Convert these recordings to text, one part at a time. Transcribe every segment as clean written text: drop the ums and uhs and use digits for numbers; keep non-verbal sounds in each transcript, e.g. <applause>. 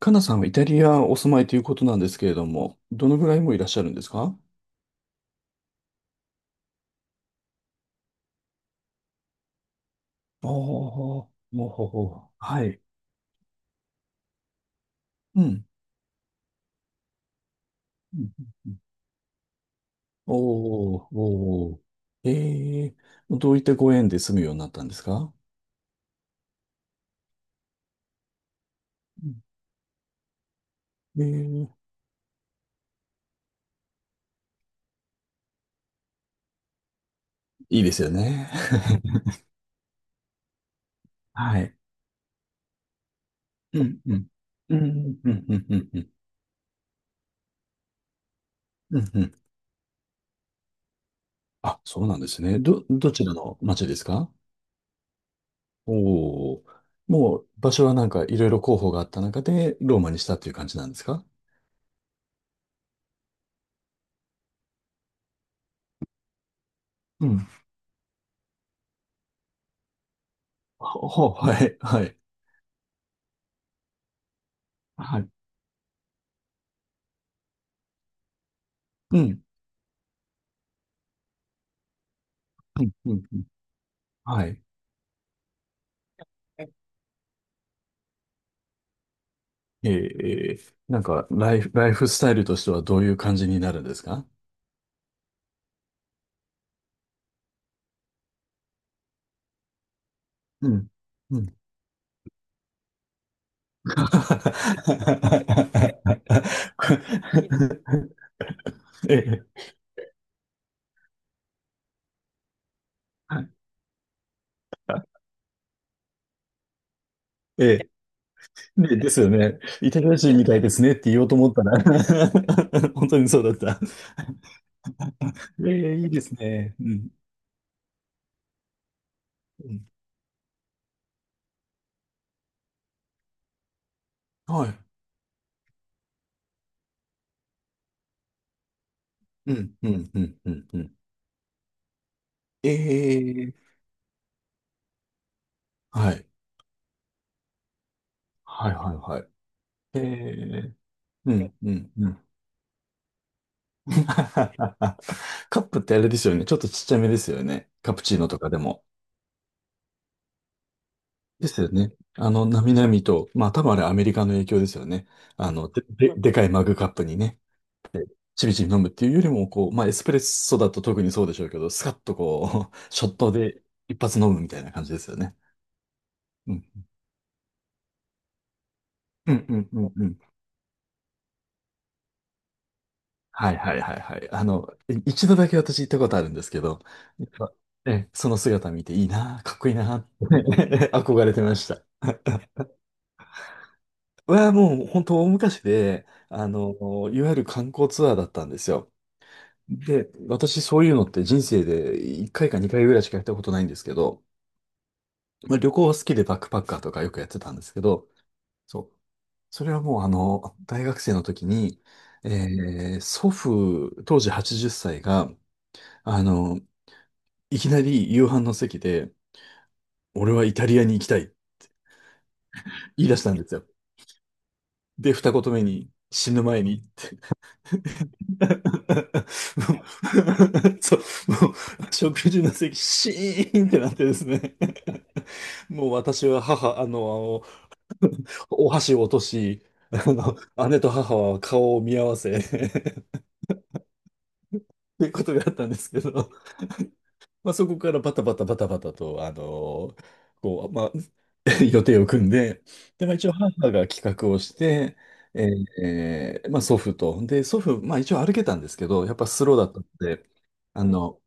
カナさんはイタリアお住まいということなんですけれども、どのぐらいもいらっしゃるんですか？ああ、もうほほ。はい。うん。うんうん。おー、おー。ええ。どういったご縁で住むようになったんですか？うん。ええ。いいですよね。<laughs> はい。うん、うん。うん、うん、うん、うん、うん。うんうん。あ、そうなんですね。どちらの町ですか？おおー。もう場所はなんかいろいろ候補があった中でローマにしたっていう感じなんですか？うん。ほはい、はい、はい。うん、うん、うん、うん。はい。ええー、なんか、ライフスタイルとしてはどういう感じになるんですか？うん。うん。<laughs> ええ、はい。ええ、ねですよね。イタリア人みたいですねって言おうと思ったら、 <laughs> 本当にそうだった。ええ、いいですね。うん。うん。はい。うん、うん、うん、うん、うん。ええ、はい。はい、はい、はい。ええ。うん、うん、うん。<laughs> カップってあれですよね。ちょっとちっちゃめですよね。カプチーノとかでも。ですよね。あの、なみなみと、まあ多分あれアメリカの影響ですよね。あの、でかいマグカップにね、ちびちび飲むっていうよりも、こう、まあエスプレッソだと特にそうでしょうけど、スカッとこう、<laughs> ショットで一発飲むみたいな感じですよね。うん。うん、うん、うん、うん。はいはいはいはい。あの、一度だけ私行ったことあるんですけど、やっぱその姿見ていいな、かっこいいな、<laughs> って憧れてました。はもう本当大昔で、あの、いわゆる観光ツアーだったんですよ。で、私そういうのって人生で1回か2回ぐらいしかやったことないんですけど、まあ、旅行は好きでバックパッカーとかよくやってたんですけど、そう。それはもうあの、大学生の時に、祖父、当時80歳が、あの、いきなり夕飯の席で、俺はイタリアに行きたい、言い出したんですよ。で、二言目に、死ぬ前にって。 <laughs> そう、もう、食事の席、シーンってなってですね。<laughs> もう私は母、あの、お箸を落とし、あの、姉と母は顔を見合わせ、っていうことがあったんですけど、<laughs> まあ、そこからバタバタバタバタと、あの、こう、まあ、<laughs> 予定を組んで、で、まあ、一応母が企画をして、まあ、祖父と、で、祖父、まあ、一応歩けたんですけど、やっぱスローだったので、あの、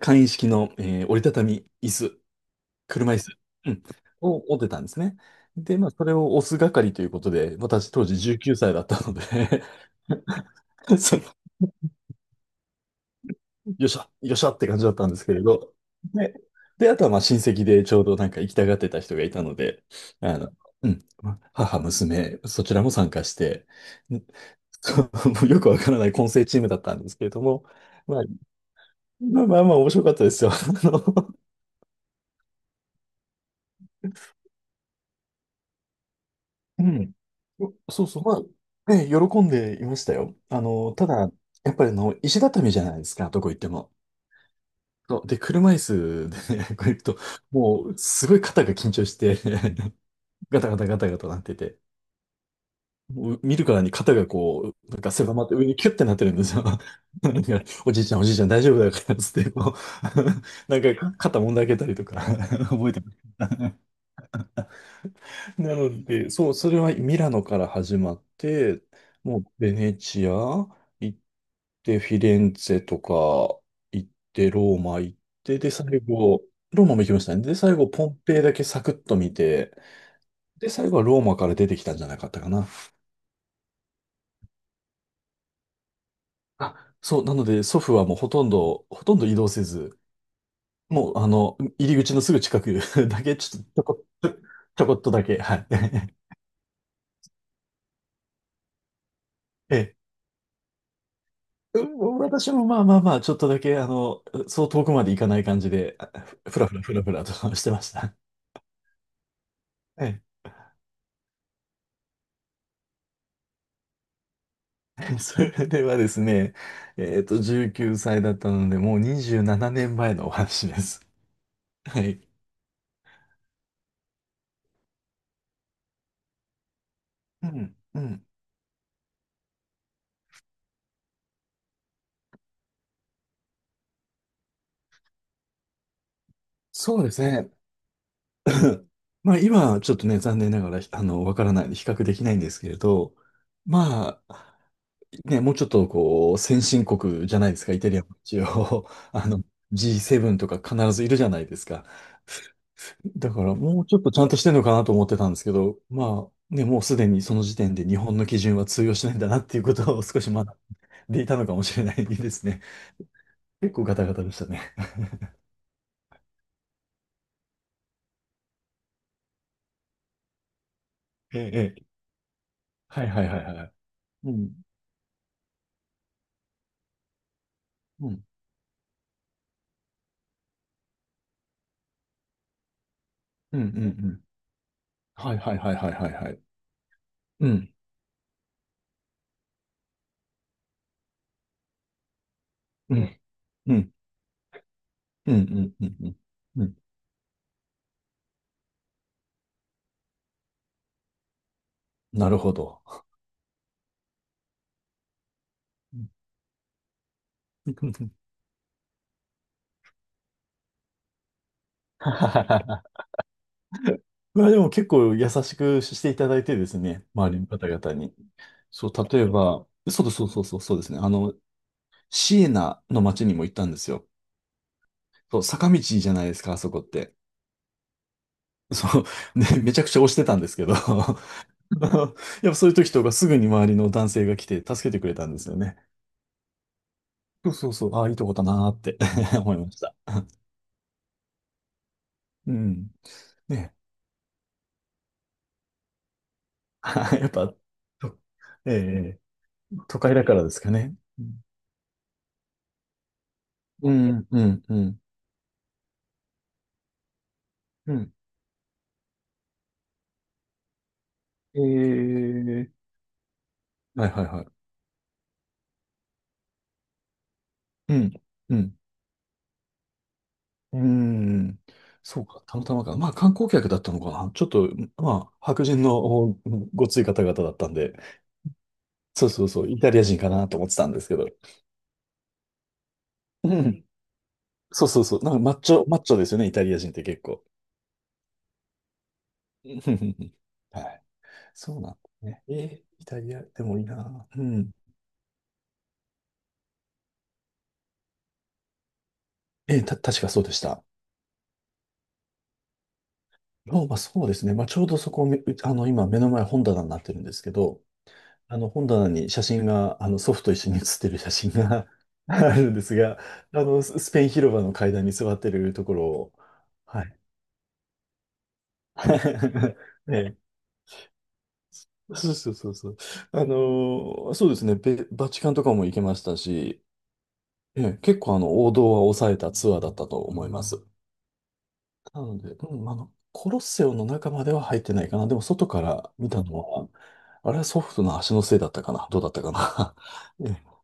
簡易式の、折りたたみ椅子、車椅子、うん、を持ってたんですね。で、まあ、それを押す係ということで、私当時19歳だったので、 <laughs> そのよっしゃ、よっしゃって感じだったんですけれど、で、あとはまあ親戚でちょうどなんか行きたがってた人がいたので、あの、うん、まあ母、娘、そちらも参加して、<laughs> んそうもうよくわからない混成チームだったんですけれども、まあ、まあまあまあ面白かったですよ。<laughs> あの、うん。そうそう、まあ、ね、喜んでいましたよ。あの、ただ、やっぱりあの、石畳じゃないですか、どこ行っても。そう、で、車椅子でね、<laughs> こう行くと、もう、すごい肩が緊張して、 <laughs> ガタガタガタガタなってて、もう見るからに肩がこう、なんか狭まって上にキュッてなってるんですよ。<laughs> なんか、おじいちゃんおじいちゃん大丈夫だからっつって、こう、 <laughs>、なんか肩もんであげたりとか、 <laughs> 覚えてる。なので、そう、それはミラノから始まって、もうベネチア行って、フィレンツェとか行って、ローマ行って、で、最後、ローマも行きましたね。で、最後、ポンペイだけサクッと見て、で、最後はローマから出てきたんじゃなかったかな。あ、そう、なので、祖父はもうほとんど、ほとんど移動せず、もう、あの、入り口のすぐ近く <laughs> だけ、ちょっと、ちょこっとだけ、はい。<laughs> ええ。うん、私もまあまあまあ、ちょっとだけ、あの、そう遠くまで行かない感じで、ふらふらふらふらと <laughs> してました。ええ、<laughs> それではですね、19歳だったので、もう27年前のお話です。はい。うん、うん。そうですね。<clears throat> まあ今はちょっとね、残念ながら、あの、わからないんで比較できないんですけれど、まあ、ね、もうちょっとこう、先進国じゃないですか、イタリアも一応、<laughs> あの、G7 とか必ずいるじゃないですか。だからもうちょっとちゃんとしてるのかなと思ってたんですけど、まあね、もうすでにその時点で日本の基準は通用しないんだなっていうことを少し学んでいたのかもしれないですね。<laughs> 結構ガタガタでしたね。ええ、ええ。はいはいはいはい。うん、うん、うん、うん、うん。はいはいはいはいはいはい。うん、うん、うん、うん、うん、うん、うん。うん、なるほど。うん。 <laughs> まあでも結構優しくしていただいてですね、周りの方々に。そう、例えば、そうそうそうそう、そうですね。あの、シエナの街にも行ったんですよ。そう、坂道じゃないですか、あそこって。そう、ね、めちゃくちゃ押してたんですけど、<laughs> やっぱそういう時とかすぐに周りの男性が来て助けてくれたんですよね。そうそうそう、ああ、いいとこだなーって、 <laughs> 思いました。うん。ね。<laughs> やっぱ、とええ都会だからですかね。うん、うん、うん、うん。うん、ええ。はいはいはい。うん、うん。うーん。そうか、たまたまか。まあ、観光客だったのかな。ちょっと、まあ、白人のおごつい方々だったんで、そうそうそう、イタリア人かなと思ってたんですけど。うん、そうそうそう、なんかマッチョ、マッチョですよね、イタリア人って結構。<laughs> うんうんうん。はい。そうなんだね。イタリアでもいいな。うん。えーた、確かそうでした。ローマ、そうですね。まあ、ちょうどそこ、めあの、今、目の前本棚になってるんですけど、あの本棚に写真が、あの祖父と一緒に写ってる写真が <laughs> あるんですが、あのスペイン広場の階段に座ってるところを、はい。<laughs> ねえ、そうそうそうそう。あの、そうですね、バチカンとかも行けましたし、ええ、結構あの王道は抑えたツアーだったと思います。なので、うん、あの、コロッセオの中までは入ってないかな。でも外から見たのは、あれは祖父の足のせいだったかな。どうだったかな。<laughs>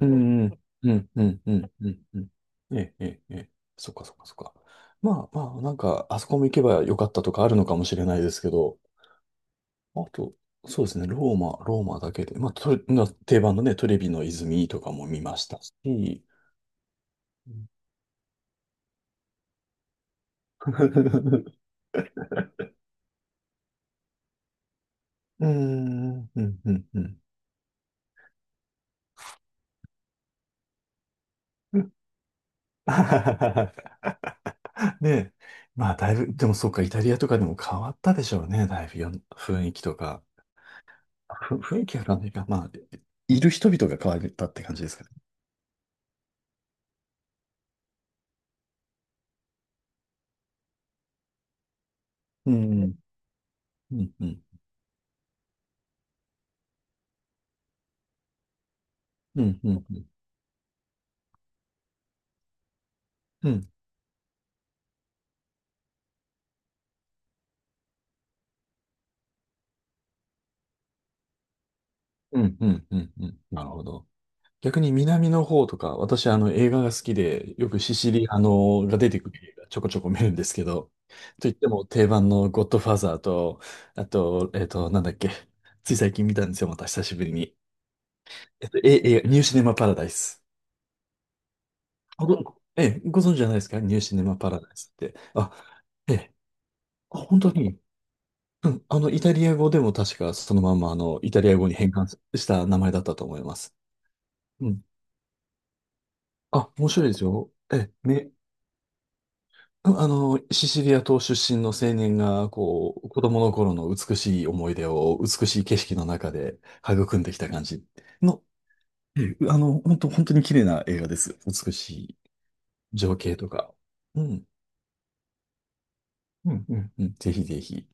うん、うん、うん、うん、うん、うん。うん、ええ、ええ、ええ。そっかそっかそっか。まあまあ、なんか、あそこも行けばよかったとかあるのかもしれないですけど、あと、そうですね、ローマだけで、まあ、トレな定番のね、トレビの泉とかも見ましたし、うん。 <laughs>、うーん、うん、うん。うん。 <laughs> ねえ、まあ、だいぶ、でもそうか、イタリアとかでも変わったでしょうね、だいぶよ雰囲気とか。雰囲気あるわねが、まあ、いる人々が変わったって感じですかね。うん、うん、うん、うん、うん、うん、うん、うん、うん、うん、なるほど。逆に南の方とか、私、あの、映画が好きで、よくシシリアのが出てくる映画ちょこちょこ見るんですけど、といっても定番のゴッドファーザーと、あと、なんだっけ、つい最近見たんですよ、また久しぶりに。ニューシネマパラダイス。あごええ、ご存知じゃないですかニューシネマパラダイスって。あ、ええ、本当に。うん、イタリア語でも確かそのまんま、あの、イタリア語に変換した名前だったと思います。うん。あ、面白いですよ。うん、シチリア島出身の青年が、こう、子供の頃の美しい思い出を美しい景色の中で育んできた感じの、ええ、本当本当に綺麗な映画です。美しい情景とか。うん。うん、うん、うん。ぜひぜひ。